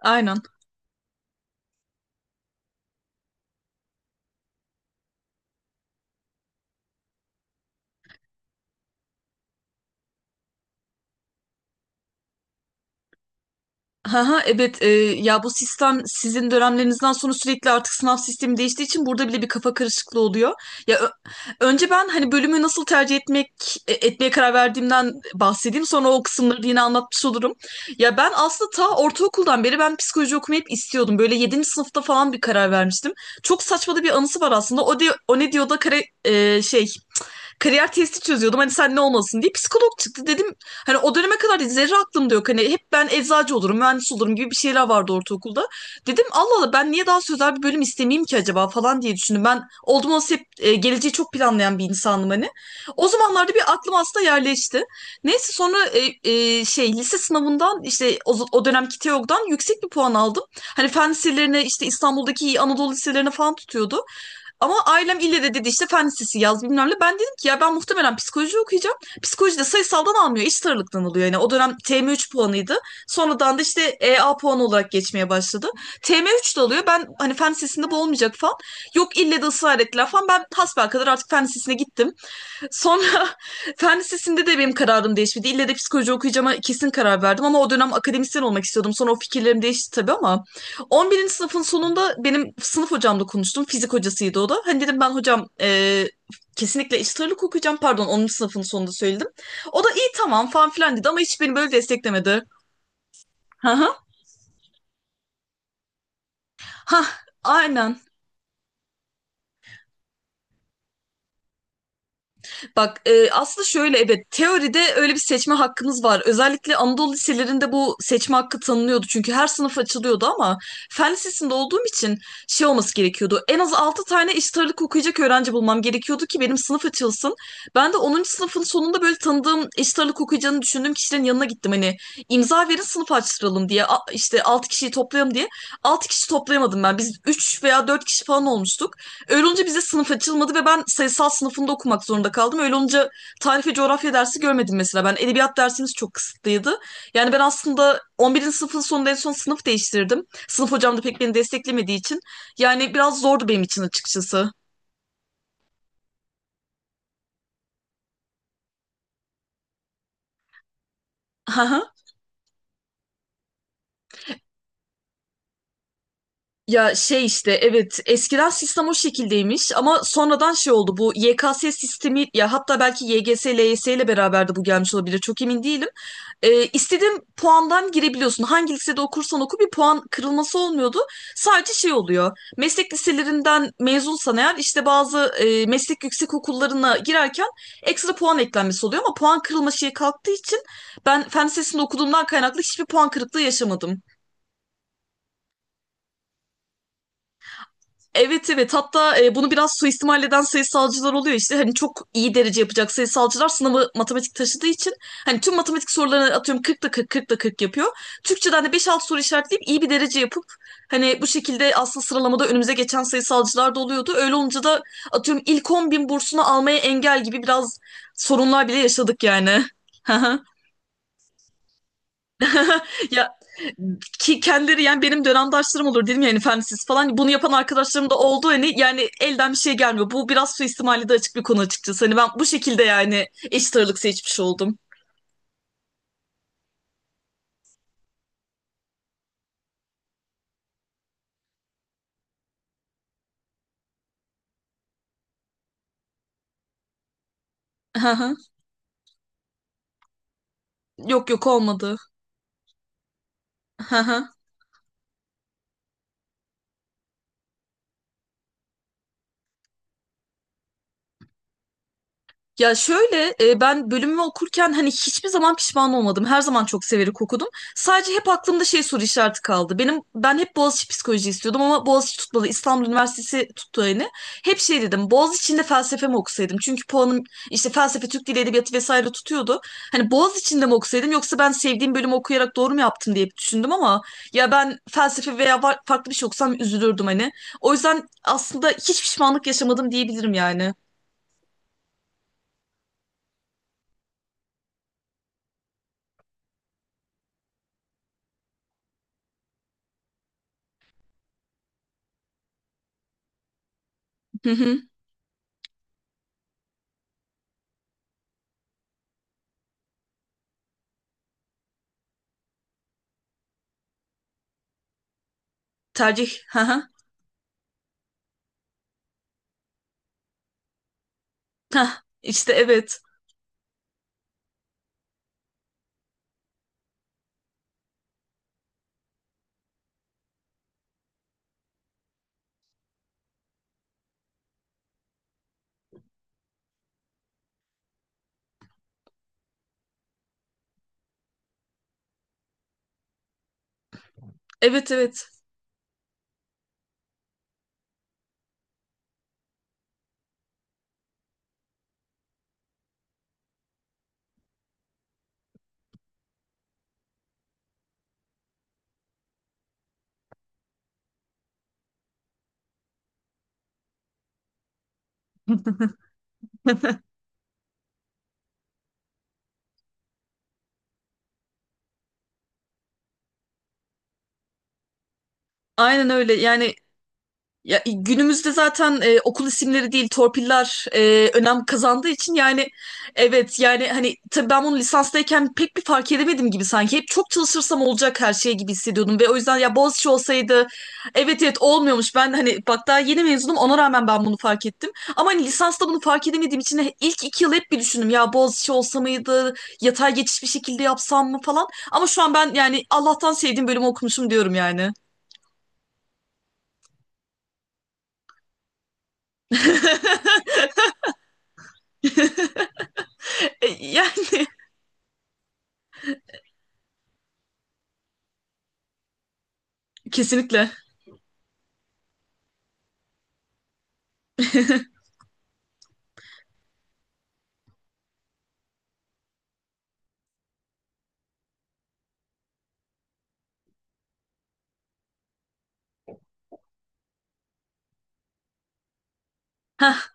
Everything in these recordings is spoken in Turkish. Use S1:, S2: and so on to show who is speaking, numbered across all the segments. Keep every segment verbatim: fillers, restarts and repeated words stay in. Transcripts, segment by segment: S1: Aynen. Haha, evet e, ya bu sistem sizin dönemlerinizden sonra sürekli artık sınav sistemi değiştiği için burada bile bir kafa karışıklığı oluyor. Ya ö- önce ben hani bölümü nasıl tercih etmek e, etmeye karar verdiğimden bahsedeyim. Sonra o kısımları da yine anlatmış olurum. Ya ben aslında ta ortaokuldan beri ben psikoloji okumayı hep istiyordum. Böyle yedinci sınıfta falan bir karar vermiştim. Çok saçma da bir anısı var aslında. O de, o ne diyor da kare, e, şey kariyer testi çözüyordum. Hani sen ne olmalısın diye psikolog çıktı dedim. Hani o döneme kadar dedi, zerre aklımda yok. Hani hep ben eczacı olurum, mühendis olurum gibi bir şeyler vardı ortaokulda. Dedim Allah Allah ben niye daha sözel bir bölüm istemeyeyim ki acaba falan diye düşündüm. Ben oldum olası hep e, geleceği çok planlayan bir insanım hani. O zamanlarda bir aklım aslında yerleşti. Neyse sonra e, e, şey lise sınavından işte o, o dönemki TEOG'dan yüksek bir puan aldım. Hani fen liselerine işte İstanbul'daki iyi Anadolu liselerine falan tutuyordu. Ama ailem ille de dedi işte fen lisesi yaz bilmem ne. Ben dedim ki ya ben muhtemelen psikoloji okuyacağım. Psikoloji de sayısaldan almıyor. İç sarılıktan alıyor. Yani o dönem T M üç puanıydı. Sonradan da işte E A puanı olarak geçmeye başladı. T M üç de alıyor. Ben hani fen lisesinde bu olmayacak falan. Yok ille de ısrar ettiler falan. Ben hasbelkader artık fen lisesine gittim. Sonra fen lisesinde de benim kararım değişmedi. İlle de psikoloji okuyacağıma kesin karar verdim ama o dönem akademisyen olmak istiyordum. Sonra o fikirlerim değişti tabii ama on birinci sınıfın sonunda benim sınıf hocamla konuştum. Fizik hocasıydı o da. Hani dedim ben hocam, e, kesinlikle eşit ağırlık okuyacağım. Pardon onuncu sınıfın sonunda söyledim. O da iyi tamam falan filan dedi ama hiç beni böyle desteklemedi. Hı hı. Hah, aynen. Bak e, aslında şöyle, evet, teoride öyle bir seçme hakkınız var. Özellikle Anadolu liselerinde bu seçme hakkı tanınıyordu. Çünkü her sınıf açılıyordu ama fen lisesinde olduğum için şey olması gerekiyordu. En az altı tane eşit ağırlık okuyacak öğrenci bulmam gerekiyordu ki benim sınıf açılsın. Ben de onuncu sınıfın sonunda böyle tanıdığım eşit ağırlık okuyacağını düşündüğüm kişilerin yanına gittim. Hani imza verin sınıf açtıralım diye, A- işte altı kişiyi toplayalım diye. Altı kişi toplayamadım ben. Biz üç veya dört kişi falan olmuştuk. Öyle olunca bize sınıf açılmadı ve ben sayısal sınıfında okumak zorunda kaldım. Öyle olunca tarih ve coğrafya dersi görmedim mesela. Ben edebiyat dersimiz çok kısıtlıydı. Yani ben aslında on birinci sınıfın sonunda en son sınıf değiştirdim. Sınıf hocam da pek beni desteklemediği için. Yani biraz zordu benim için açıkçası. Haha. Ya şey işte, evet, eskiden sistem o şekildeymiş ama sonradan şey oldu bu Y K S sistemi, ya hatta belki Y G S, L Y S ile beraber de bu gelmiş olabilir, çok emin değilim. Ee, istediğin puandan girebiliyorsun. Hangi lisede okursan oku bir puan kırılması olmuyordu. Sadece şey oluyor. Meslek liselerinden mezunsan eğer işte bazı e, meslek yüksek okullarına girerken ekstra puan eklenmesi oluyor ama puan kırılma şeyi kalktığı için ben fen lisesinde okuduğumdan kaynaklı hiçbir puan kırıklığı yaşamadım. Evet, evet, hatta e, bunu biraz suistimal eden sayısalcılar oluyor işte, hani çok iyi derece yapacak sayısalcılar sınavı matematik taşıdığı için hani tüm matematik sorularını atıyorum kırkta kırk, kırkta kırk yapıyor. Türkçeden de beş altı soru işaretleyip iyi bir derece yapıp hani bu şekilde aslında sıralamada önümüze geçen sayısalcılar da oluyordu. Öyle olunca da atıyorum ilk on bin bursunu almaya engel gibi biraz sorunlar bile yaşadık yani. Ya ki kendileri, yani benim dönemdaşlarım olur dedim yani efendisiz falan bunu yapan arkadaşlarım da oldu, hani yani elden bir şey gelmiyor. Bu biraz suistimali de açık bir konu açıkçası. Hani ben bu şekilde yani eşit ağırlık seçmiş oldum. Hı hı. Yok, yok, olmadı. Hı hı. Ya şöyle e, ben bölümümü okurken hani hiçbir zaman pişman olmadım. Her zaman çok severek okudum. Sadece hep aklımda şey soru işareti kaldı. Benim ben hep Boğaziçi psikoloji istiyordum ama Boğaziçi tutmadı. İstanbul Üniversitesi tuttu yani. Hep şey dedim. Boğaziçi'nde felsefe mi okusaydım? Çünkü puanım işte felsefe, Türk Dili Edebiyatı vesaire tutuyordu. Hani Boğaziçi'nde mi okusaydım yoksa ben sevdiğim bölümü okuyarak doğru mu yaptım diye düşündüm ama ya ben felsefe veya var- farklı bir şey okusam üzülürdüm hani. O yüzden aslında hiç pişmanlık yaşamadım diyebilirim yani. Hı hı. Tercih. Hah, işte evet. Evet, evet. Aynen öyle. Yani. Ya, e, günümüzde zaten, e, okul isimleri değil torpiller e, önem kazandığı için yani, evet, yani hani tabii ben bunu lisanstayken pek bir fark edemedim gibi sanki hep çok çalışırsam olacak her şey gibi hissediyordum ve o yüzden ya Boğaziçi olsaydı, evet, evet, olmuyormuş. Ben hani bak daha yeni mezunum, ona rağmen ben bunu fark ettim ama hani lisansta bunu fark edemediğim için he- ilk iki yıl hep bir düşündüm, ya Boğaziçi olsa mıydı, yatay geçiş bir şekilde yapsam mı falan, ama şu an ben yani Allah'tan sevdiğim bölümü okumuşum diyorum yani. Yani kesinlikle.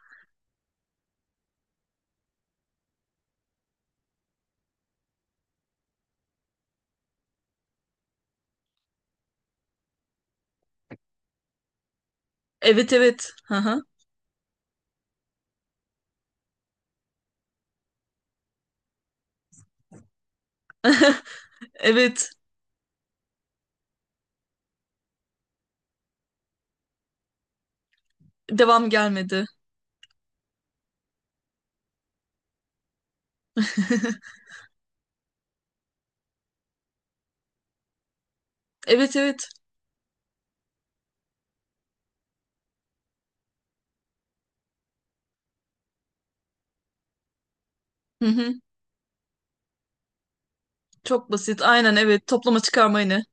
S1: Evet, evet. Hı hı. Evet. Devam gelmedi. Evet, evet. Hı hı. Çok basit. Aynen, evet. Toplama çıkarma yine.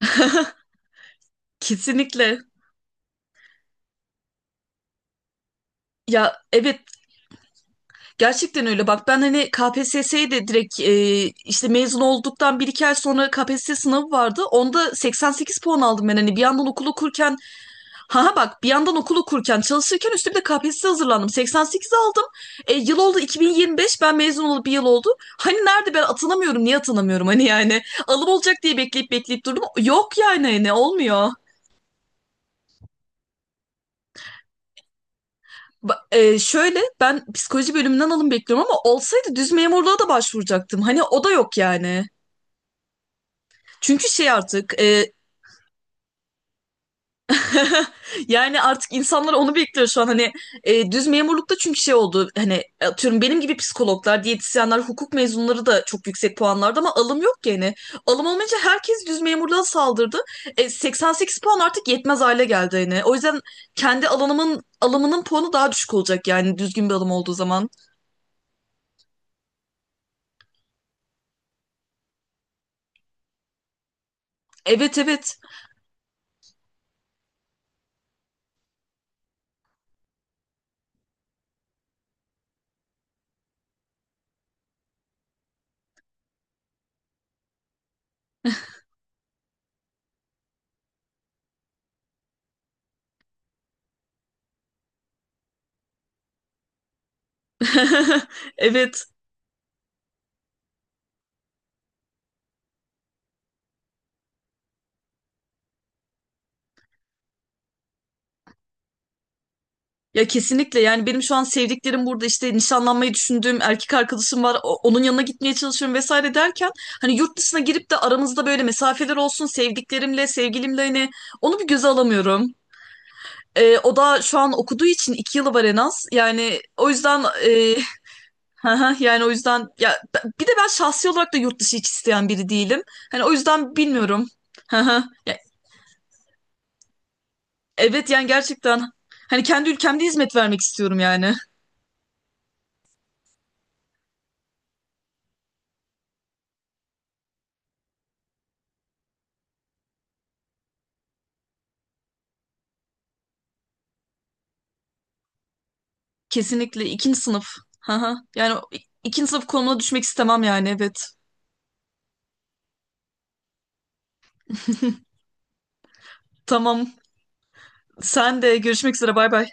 S1: Kesinlikle. Ya, evet, gerçekten öyle. Bak ben hani K P S S'ye de direkt, e, işte mezun olduktan bir iki ay sonra K P S S sınavı vardı. Onda seksen sekiz puan aldım ben. Hani bir yandan okul okurken ha ha bak bir yandan okul okurken çalışırken üstüne bir de K P S S'ye hazırlandım. seksen sekiz aldım. E, yıl oldu iki bin yirmi beş, ben mezun olup bir yıl oldu. Hani nerede ben atanamıyorum, niye atanamıyorum hani yani. Alım olacak diye bekleyip bekleyip durdum. Yok yani hani, ne olmuyor. Ba- e, şöyle ben psikoloji bölümünden alım bekliyorum, ama olsaydı düz memurluğa da başvuracaktım. Hani o da yok yani. Çünkü şey artık e, yani artık insanlar onu bekliyor şu an hani e, düz memurlukta, çünkü şey oldu hani atıyorum benim gibi psikologlar, diyetisyenler, hukuk mezunları da çok yüksek puanlarda ama alım yok ki hani. Alım olmayınca herkes düz memurluğa saldırdı. E, seksen sekiz puan artık yetmez hale geldi hani. O yüzden kendi alanımın alımının puanı daha düşük olacak yani düzgün bir alım olduğu zaman. Evet, evet. Evet. Ya kesinlikle, yani benim şu an sevdiklerim burada, işte nişanlanmayı düşündüğüm erkek arkadaşım var, o- onun yanına gitmeye çalışıyorum vesaire derken hani yurt dışına girip de aramızda böyle mesafeler olsun sevdiklerimle, sevgilimle, hani onu bir göze alamıyorum. Ee, o da şu an okuduğu için iki yılı var en az yani, o yüzden e, hı hı, yani o yüzden ya b- bir de ben şahsi olarak da yurt dışı hiç isteyen biri değilim. Hani o yüzden bilmiyorum. Hı hı. Ya, evet yani gerçekten hani kendi ülkemde hizmet vermek istiyorum yani. Kesinlikle ikinci sınıf. Haha. Yani o- ikinci sınıf konumuna düşmek istemem yani, evet. Tamam. Sen de görüşmek üzere, bay bay.